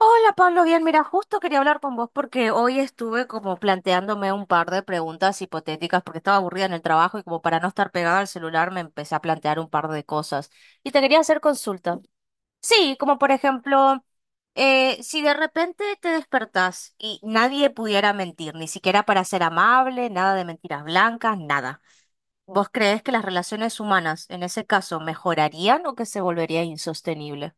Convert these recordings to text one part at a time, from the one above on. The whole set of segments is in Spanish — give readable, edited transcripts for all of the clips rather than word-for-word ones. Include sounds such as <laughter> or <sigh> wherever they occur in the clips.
Hola Pablo, bien, mira, justo quería hablar con vos porque hoy estuve como planteándome un par de preguntas hipotéticas porque estaba aburrida en el trabajo y como para no estar pegada al celular me empecé a plantear un par de cosas y te quería hacer consulta. Sí, como por ejemplo, si de repente te despertás y nadie pudiera mentir, ni siquiera para ser amable, nada de mentiras blancas, nada, ¿vos creés que las relaciones humanas en ese caso mejorarían o que se volvería insostenible?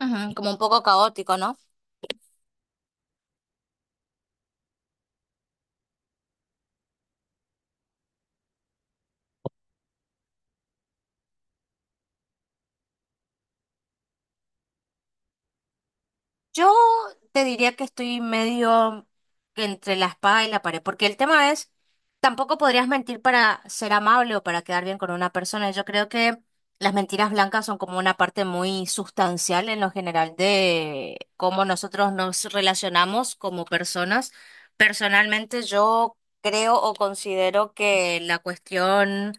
Ujú, como un poco caótico, ¿no? Yo te diría que estoy medio entre la espada y la pared, porque el tema es, tampoco podrías mentir para ser amable o para quedar bien con una persona. Yo creo que las mentiras blancas son como una parte muy sustancial en lo general de cómo nosotros nos relacionamos como personas. Personalmente, yo creo o considero que la cuestión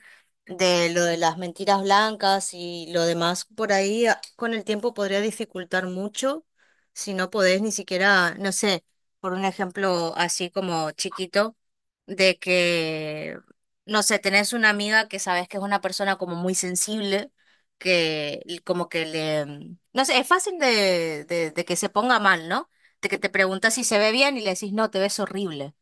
de lo de las mentiras blancas y lo demás por ahí con el tiempo podría dificultar mucho si no podés ni siquiera, no sé, por un ejemplo así como chiquito, de que, no sé, tenés una amiga que sabes que es una persona como muy sensible, que como que le, no sé, es fácil de que se ponga mal, ¿no? De que te preguntas si se ve bien y le decís, no, te ves horrible.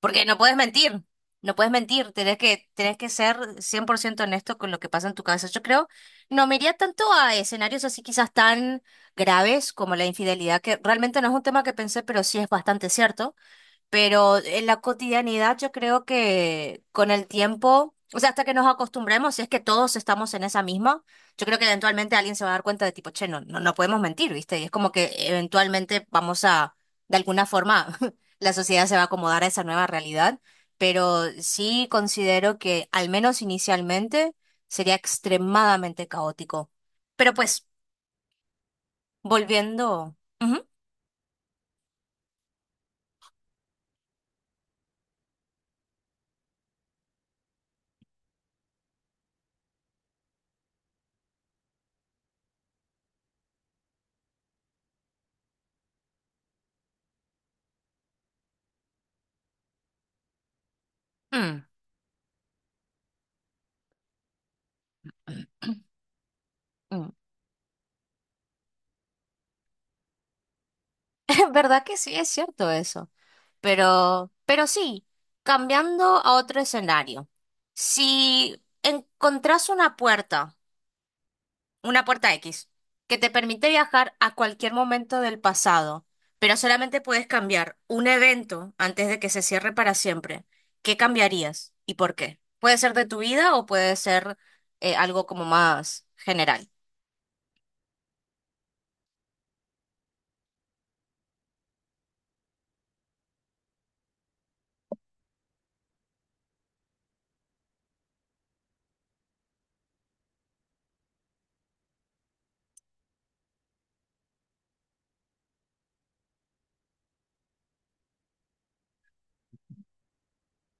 Porque no puedes mentir, no puedes mentir, tenés que ser 100% honesto con lo que pasa en tu cabeza. Yo creo, no me iría tanto a escenarios así quizás tan graves como la infidelidad, que realmente no es un tema que pensé, pero sí es bastante cierto. Pero en la cotidianidad yo creo que con el tiempo, o sea, hasta que nos acostumbremos, si es que todos estamos en esa misma, yo creo que eventualmente alguien se va a dar cuenta de tipo, che, no, no, no podemos mentir, ¿viste? Y es como que eventualmente vamos a, de alguna forma, <laughs> la sociedad se va a acomodar a esa nueva realidad, pero sí considero que al menos inicialmente sería extremadamente caótico. Pero pues, volviendo... Ujú. Mm, mm. <laughs> ¿Verdad que sí es cierto eso? Pero sí, cambiando a otro escenario. Si encontrás una puerta X, que te permite viajar a cualquier momento del pasado, pero solamente puedes cambiar un evento antes de que se cierre para siempre, ¿qué cambiarías y por qué? Puede ser de tu vida o puede ser algo como más general.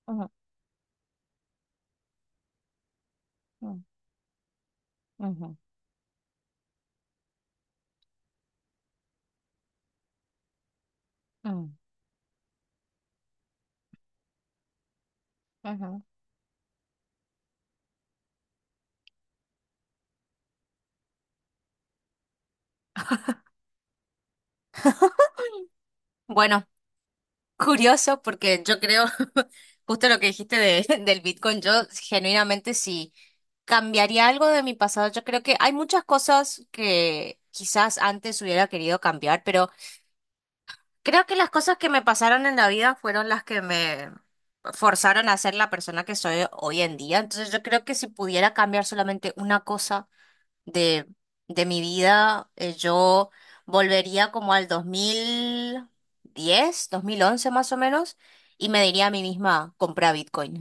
Ujú, ujú, ujú, ujú, ujú. Bueno. Curioso, porque yo creo, <laughs> justo lo que dijiste de, <laughs> del Bitcoin, yo genuinamente sí cambiaría algo de mi pasado. Yo creo que hay muchas cosas que quizás antes hubiera querido cambiar, pero creo que las cosas que me pasaron en la vida fueron las que me forzaron a ser la persona que soy hoy en día. Entonces yo creo que si pudiera cambiar solamente una cosa de, de mi vida, yo volvería como al 2010 2011 más o menos, y me diría a mí misma, compra Bitcoin.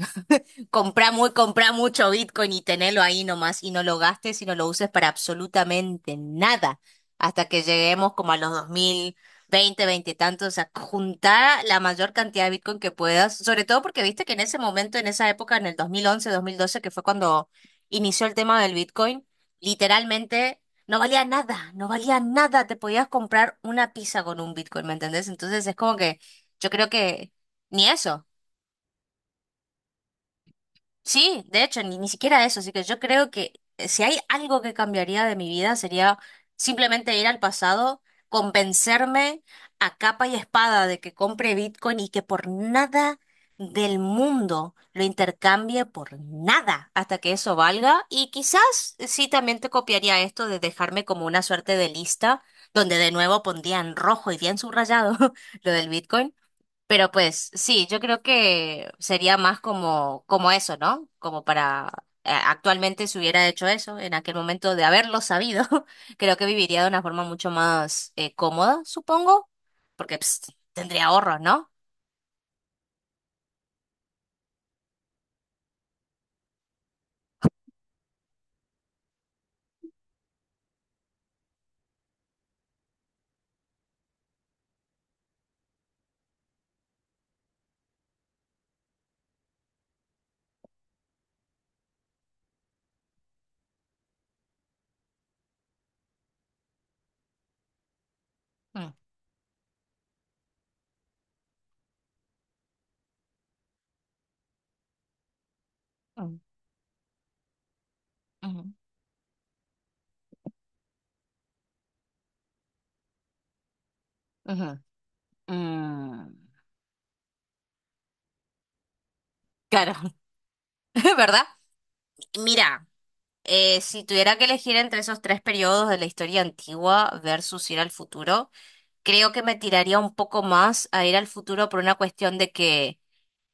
Comprá mucho Bitcoin y tenelo ahí nomás y no lo gastes y no lo uses para absolutamente nada hasta que lleguemos como a los 2020, veinte veinte y tantos, a juntar la mayor cantidad de Bitcoin que puedas, sobre todo porque viste que en ese momento, en esa época, en el 2011 2012 que fue cuando inició el tema del Bitcoin, literalmente no valía nada, no valía nada, te podías comprar una pizza con un Bitcoin, ¿me entendés? Entonces es como que yo creo que ni eso. Sí, de hecho, ni siquiera eso. Así que yo creo que si hay algo que cambiaría de mi vida sería simplemente ir al pasado, convencerme a capa y espada de que compre Bitcoin y que por nada del mundo lo intercambie por nada hasta que eso valga. Y quizás sí también te copiaría esto de dejarme como una suerte de lista donde de nuevo pondría en rojo y bien subrayado <laughs> lo del Bitcoin, pero pues sí, yo creo que sería más como, como eso, ¿no? Como para, actualmente, si hubiera hecho eso en aquel momento de haberlo sabido, <laughs> creo que viviría de una forma mucho más cómoda, supongo, porque tendría ahorros, ¿no? Mm, mm, ujú, ujú, mm. Claro, <laughs> ¿verdad? Mira, si tuviera que elegir entre esos tres periodos de la historia antigua versus ir al futuro, creo que me tiraría un poco más a ir al futuro por una cuestión de que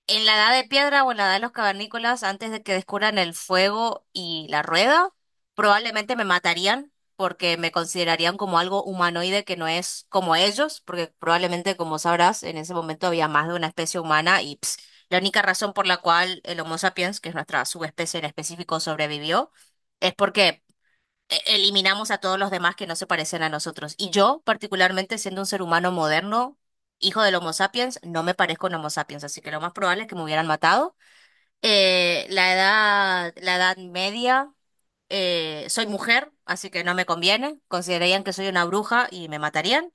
en la edad de piedra o en la edad de los cavernícolas, antes de que descubran el fuego y la rueda, probablemente me matarían porque me considerarían como algo humanoide que no es como ellos, porque probablemente, como sabrás, en ese momento había más de una especie humana y la única razón por la cual el Homo sapiens, que es nuestra subespecie en específico, sobrevivió, es porque eliminamos a todos los demás que no se parecen a nosotros. Y yo, particularmente siendo un ser humano moderno, hijo del Homo sapiens, no me parezco a un Homo sapiens, así que lo más probable es que me hubieran matado. La edad media, soy mujer, así que no me conviene. Considerarían que soy una bruja y me matarían.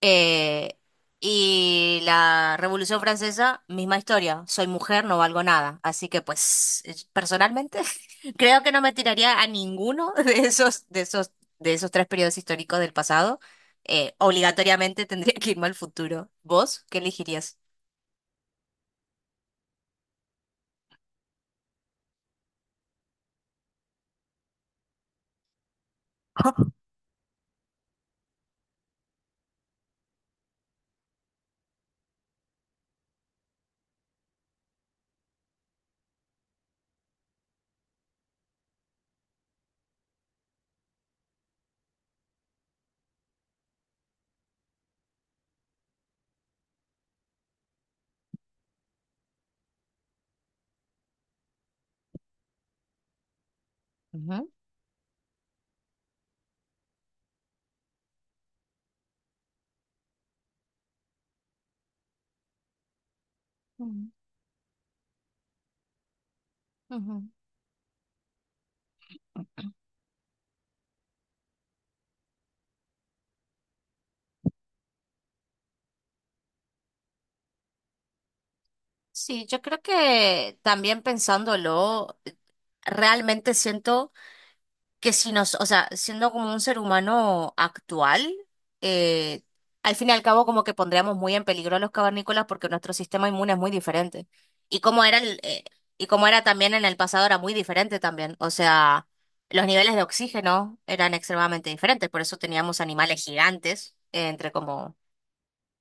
Eh, y la Revolución Francesa, misma historia. Soy mujer, no valgo nada. Así que, pues, personalmente, <laughs> creo que no me tiraría a ninguno <laughs> de esos tres periodos históricos del pasado. Obligatoriamente tendría que irme al futuro. ¿Vos qué elegirías? Ujú. Sí, yo creo que también pensándolo, realmente siento que si nos, o sea, siendo como un ser humano actual, eh, al fin y al cabo como que pondríamos muy en peligro a los cavernícolas porque nuestro sistema inmune es muy diferente. Y como era el, eh, y como era también en el pasado era muy diferente también. O sea, los niveles de oxígeno eran extremadamente diferentes, por eso teníamos animales gigantes, entre como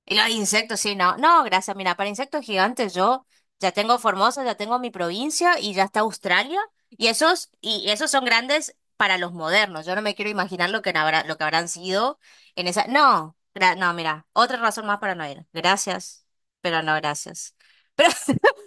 y los insectos, sí, no. No, gracias. Mira, para insectos gigantes yo ya tengo Formosa, ya tengo mi provincia y ya está Australia. Y esos son grandes para los modernos. Yo no me quiero imaginar lo que habrán sido en esa. No, no, mira, otra razón más para no ir. Gracias, pero no gracias. Pero <laughs>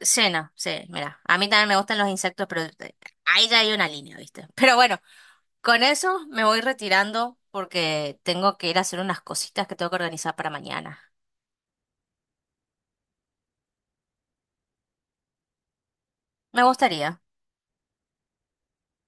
sí, no, sí, mira. A mí también me gustan los insectos, pero ahí ya hay una línea, ¿viste? Pero bueno, con eso me voy retirando porque tengo que ir a hacer unas cositas que tengo que organizar para mañana. Me gustaría.